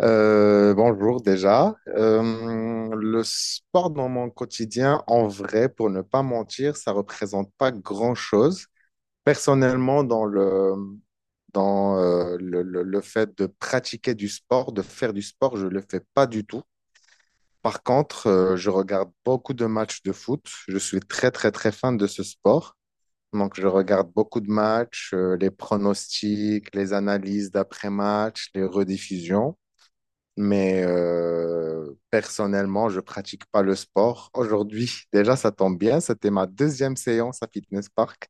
Bonjour déjà. Le sport dans mon quotidien, en vrai, pour ne pas mentir, ça représente pas grand-chose. Personnellement, le fait de pratiquer du sport, de faire du sport, je le fais pas du tout. Par contre, je regarde beaucoup de matchs de foot. Je suis très, très, très fan de ce sport. Donc, je regarde beaucoup de matchs, les pronostics, les analyses d'après-match, les rediffusions. Mais personnellement, je pratique pas le sport. Aujourd'hui, déjà, ça tombe bien. C'était ma deuxième séance à Fitness Park.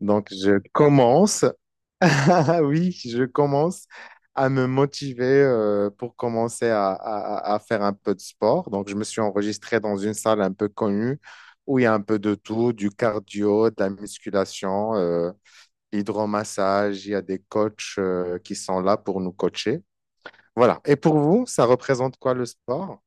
Donc, je commence, ah oui, je commence à me motiver pour commencer à faire un peu de sport. Donc, je me suis enregistré dans une salle un peu connue où il y a un peu de tout, du cardio, de la musculation, l'hydromassage. Il y a des coachs qui sont là pour nous coacher. Voilà. Et pour vous, ça représente quoi le sport?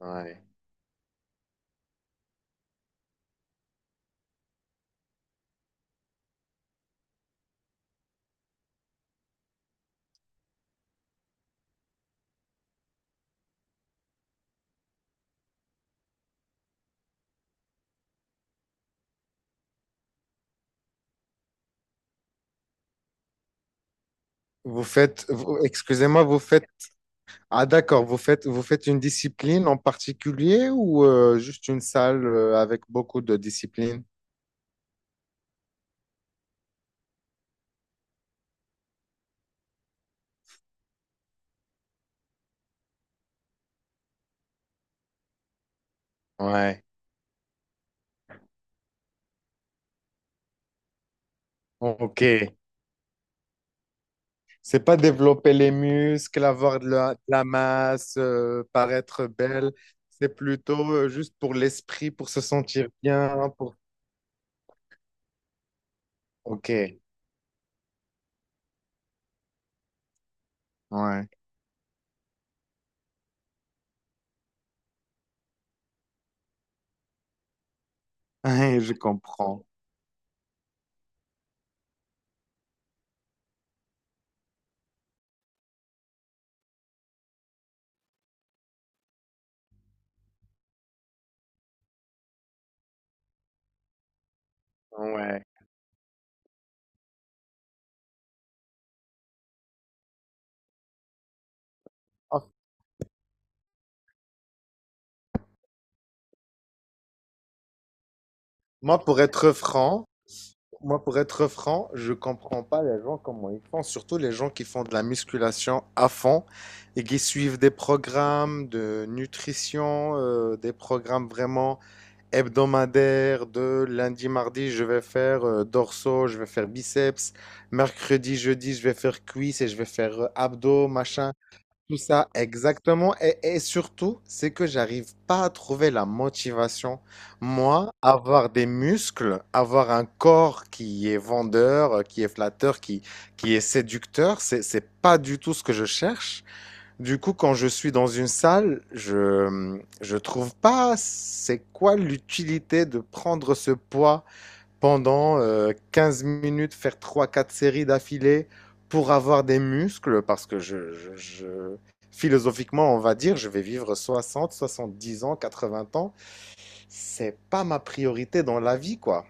Ouais. Excusez-moi, ah d'accord, vous faites une discipline en particulier ou juste une salle avec beaucoup de disciplines? Ouais. Ok. C'est pas développer les muscles, avoir de la masse, paraître belle, c'est plutôt juste pour l'esprit, pour se sentir bien, pour… Ok, ouais, je comprends. Ouais. Moi, pour être franc, Moi, pour être franc, je comprends pas les gens comment ils font, surtout les gens qui font de la musculation à fond et qui suivent des programmes de nutrition, des programmes vraiment hebdomadaires de lundi, mardi, je vais faire dorsaux, je vais faire biceps, mercredi, jeudi, je vais faire cuisses et je vais faire abdos, machin. Tout ça, exactement. Et surtout, c'est que j'arrive pas à trouver la motivation. Moi, avoir des muscles, avoir un corps qui est vendeur, qui est flatteur, qui est séducteur, c'est pas du tout ce que je cherche. Du coup, quand je suis dans une salle, je trouve pas c'est quoi l'utilité de prendre ce poids pendant 15 minutes, faire trois, quatre séries d'affilée pour avoir des muscles, parce que philosophiquement, on va dire, je vais vivre soixante, soixante-dix ans, 80 ans. C'est pas ma priorité dans la vie, quoi.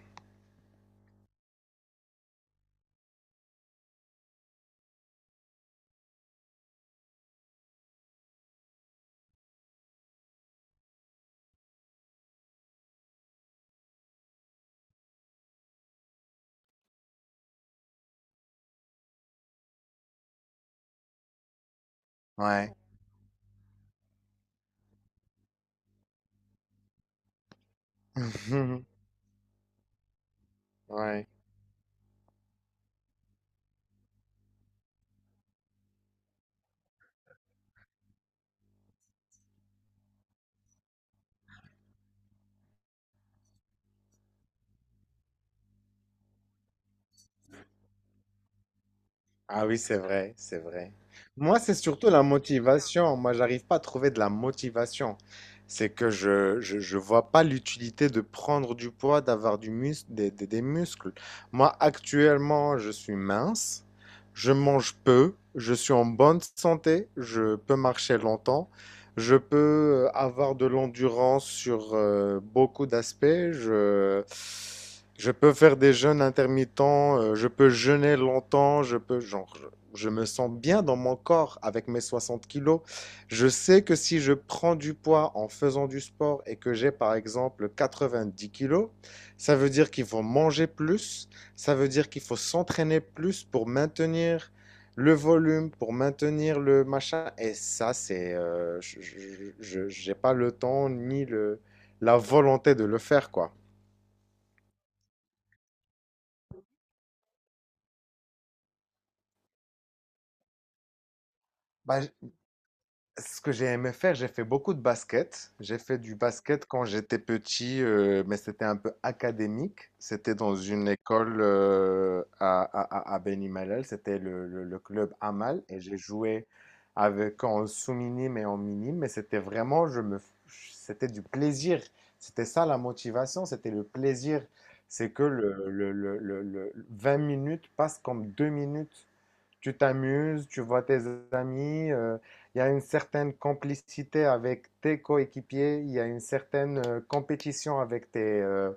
Ouais. Ouais. Ah oui, c'est vrai, c'est vrai. Moi, c'est surtout la motivation. Moi, j'arrive pas à trouver de la motivation. C'est que je vois pas l'utilité de prendre du poids, d'avoir du mus des muscles. Moi, actuellement, je suis mince, je mange peu, je suis en bonne santé, je peux marcher longtemps, je peux avoir de l'endurance sur beaucoup d'aspects. Je… Je peux faire des jeûnes intermittents, je peux jeûner longtemps, je peux, genre, je me sens bien dans mon corps avec mes 60 kilos. Je sais que si je prends du poids en faisant du sport et que j'ai par exemple 90 kilos, ça veut dire qu'il faut manger plus, ça veut dire qu'il faut s'entraîner plus pour maintenir le volume, pour maintenir le machin. Et ça, c'est, je- j'ai pas le temps ni le, la volonté de le faire, quoi. Bah, ce que j'ai aimé faire, j'ai fait beaucoup de basket. J'ai fait du basket quand j'étais petit, mais c'était un peu académique. C'était dans une école à Beni Mellal. C'était le club Amal, et j'ai joué avec en sous-minime et en minime, mais c'était vraiment, c'était du plaisir. C'était ça la motivation, c'était le plaisir. C'est que le 20 minutes passent comme 2 minutes. Tu t'amuses, tu vois tes amis, il y a une certaine complicité avec tes coéquipiers, il y a une certaine compétition avec tes,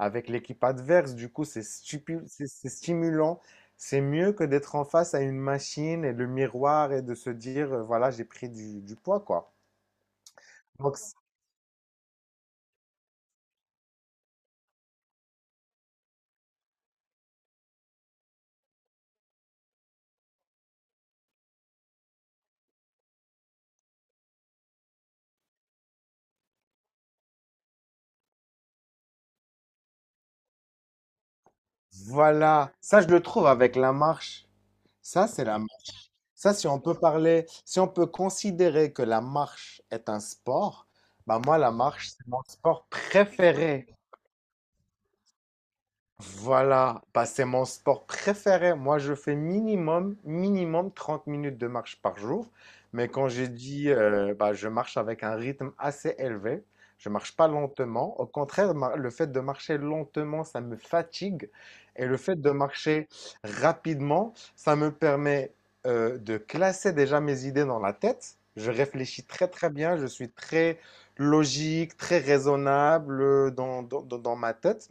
avec l'équipe adverse. Du coup, c'est stimulant. C'est mieux que d'être en face à une machine et le miroir et de se dire, voilà, j'ai pris du poids, quoi. Donc, c- voilà. Ça, je le trouve avec la marche. Ça, c'est la… Ça, si on peut parler, si on peut considérer que la marche est un sport, bah moi, la marche, c'est mon sport préféré. Voilà, bah, c'est mon sport préféré. Moi, je fais minimum, minimum 30 minutes de marche par jour. Mais quand j'ai dit, bah, je marche avec un rythme assez élevé, je marche pas lentement. Au contraire, le fait de marcher lentement, ça me fatigue. Et le fait de marcher rapidement, ça me permet de classer déjà mes idées dans la tête. Je réfléchis très très bien, je suis très logique, très raisonnable dans ma tête.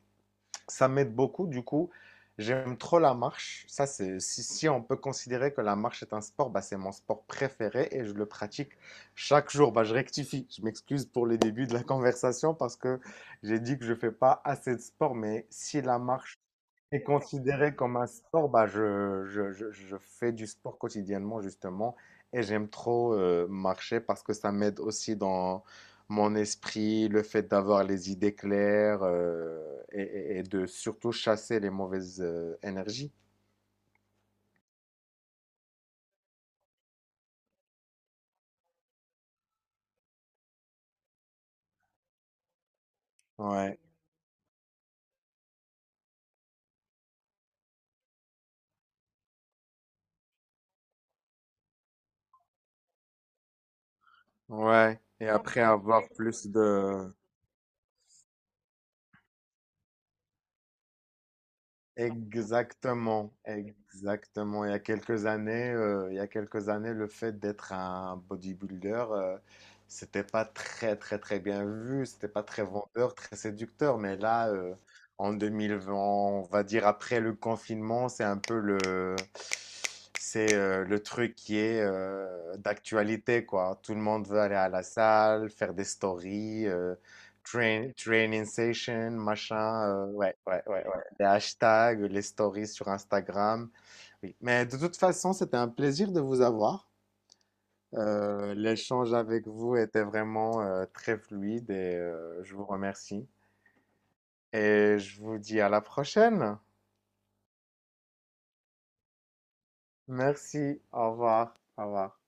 Ça m'aide beaucoup. Du coup, j'aime trop la marche. Ça, c'est, si on peut considérer que la marche est un sport, bah, c'est mon sport préféré et je le pratique chaque jour. Bah, je rectifie. Je m'excuse pour les débuts de la conversation parce que j'ai dit que je ne fais pas assez de sport, mais si la marche et considéré comme un sport, bah, je fais du sport quotidiennement justement et j'aime trop marcher parce que ça m'aide aussi dans mon esprit, le fait d'avoir les idées claires euh, et de surtout chasser les mauvaises énergies. Ouais, ouais. Et après avoir plus de… Exactement, exactement. Il y a quelques années, le fait d'être un bodybuilder, c'était pas très très très bien vu, c'était pas très vendeur, très séducteur. Mais là, en 2020, on va dire après le confinement, c'est un peu le, c'est le truc qui est d'actualité quoi. Tout le monde veut aller à la salle, faire des stories, train, training session, machin. Ouais, ouais, ouais, les hashtags, les stories sur Instagram. Oui. Mais de toute façon, c'était un plaisir de vous avoir. L'échange avec vous était vraiment très fluide et je vous remercie. Et je vous dis à la prochaine. Merci. Au revoir. Au revoir.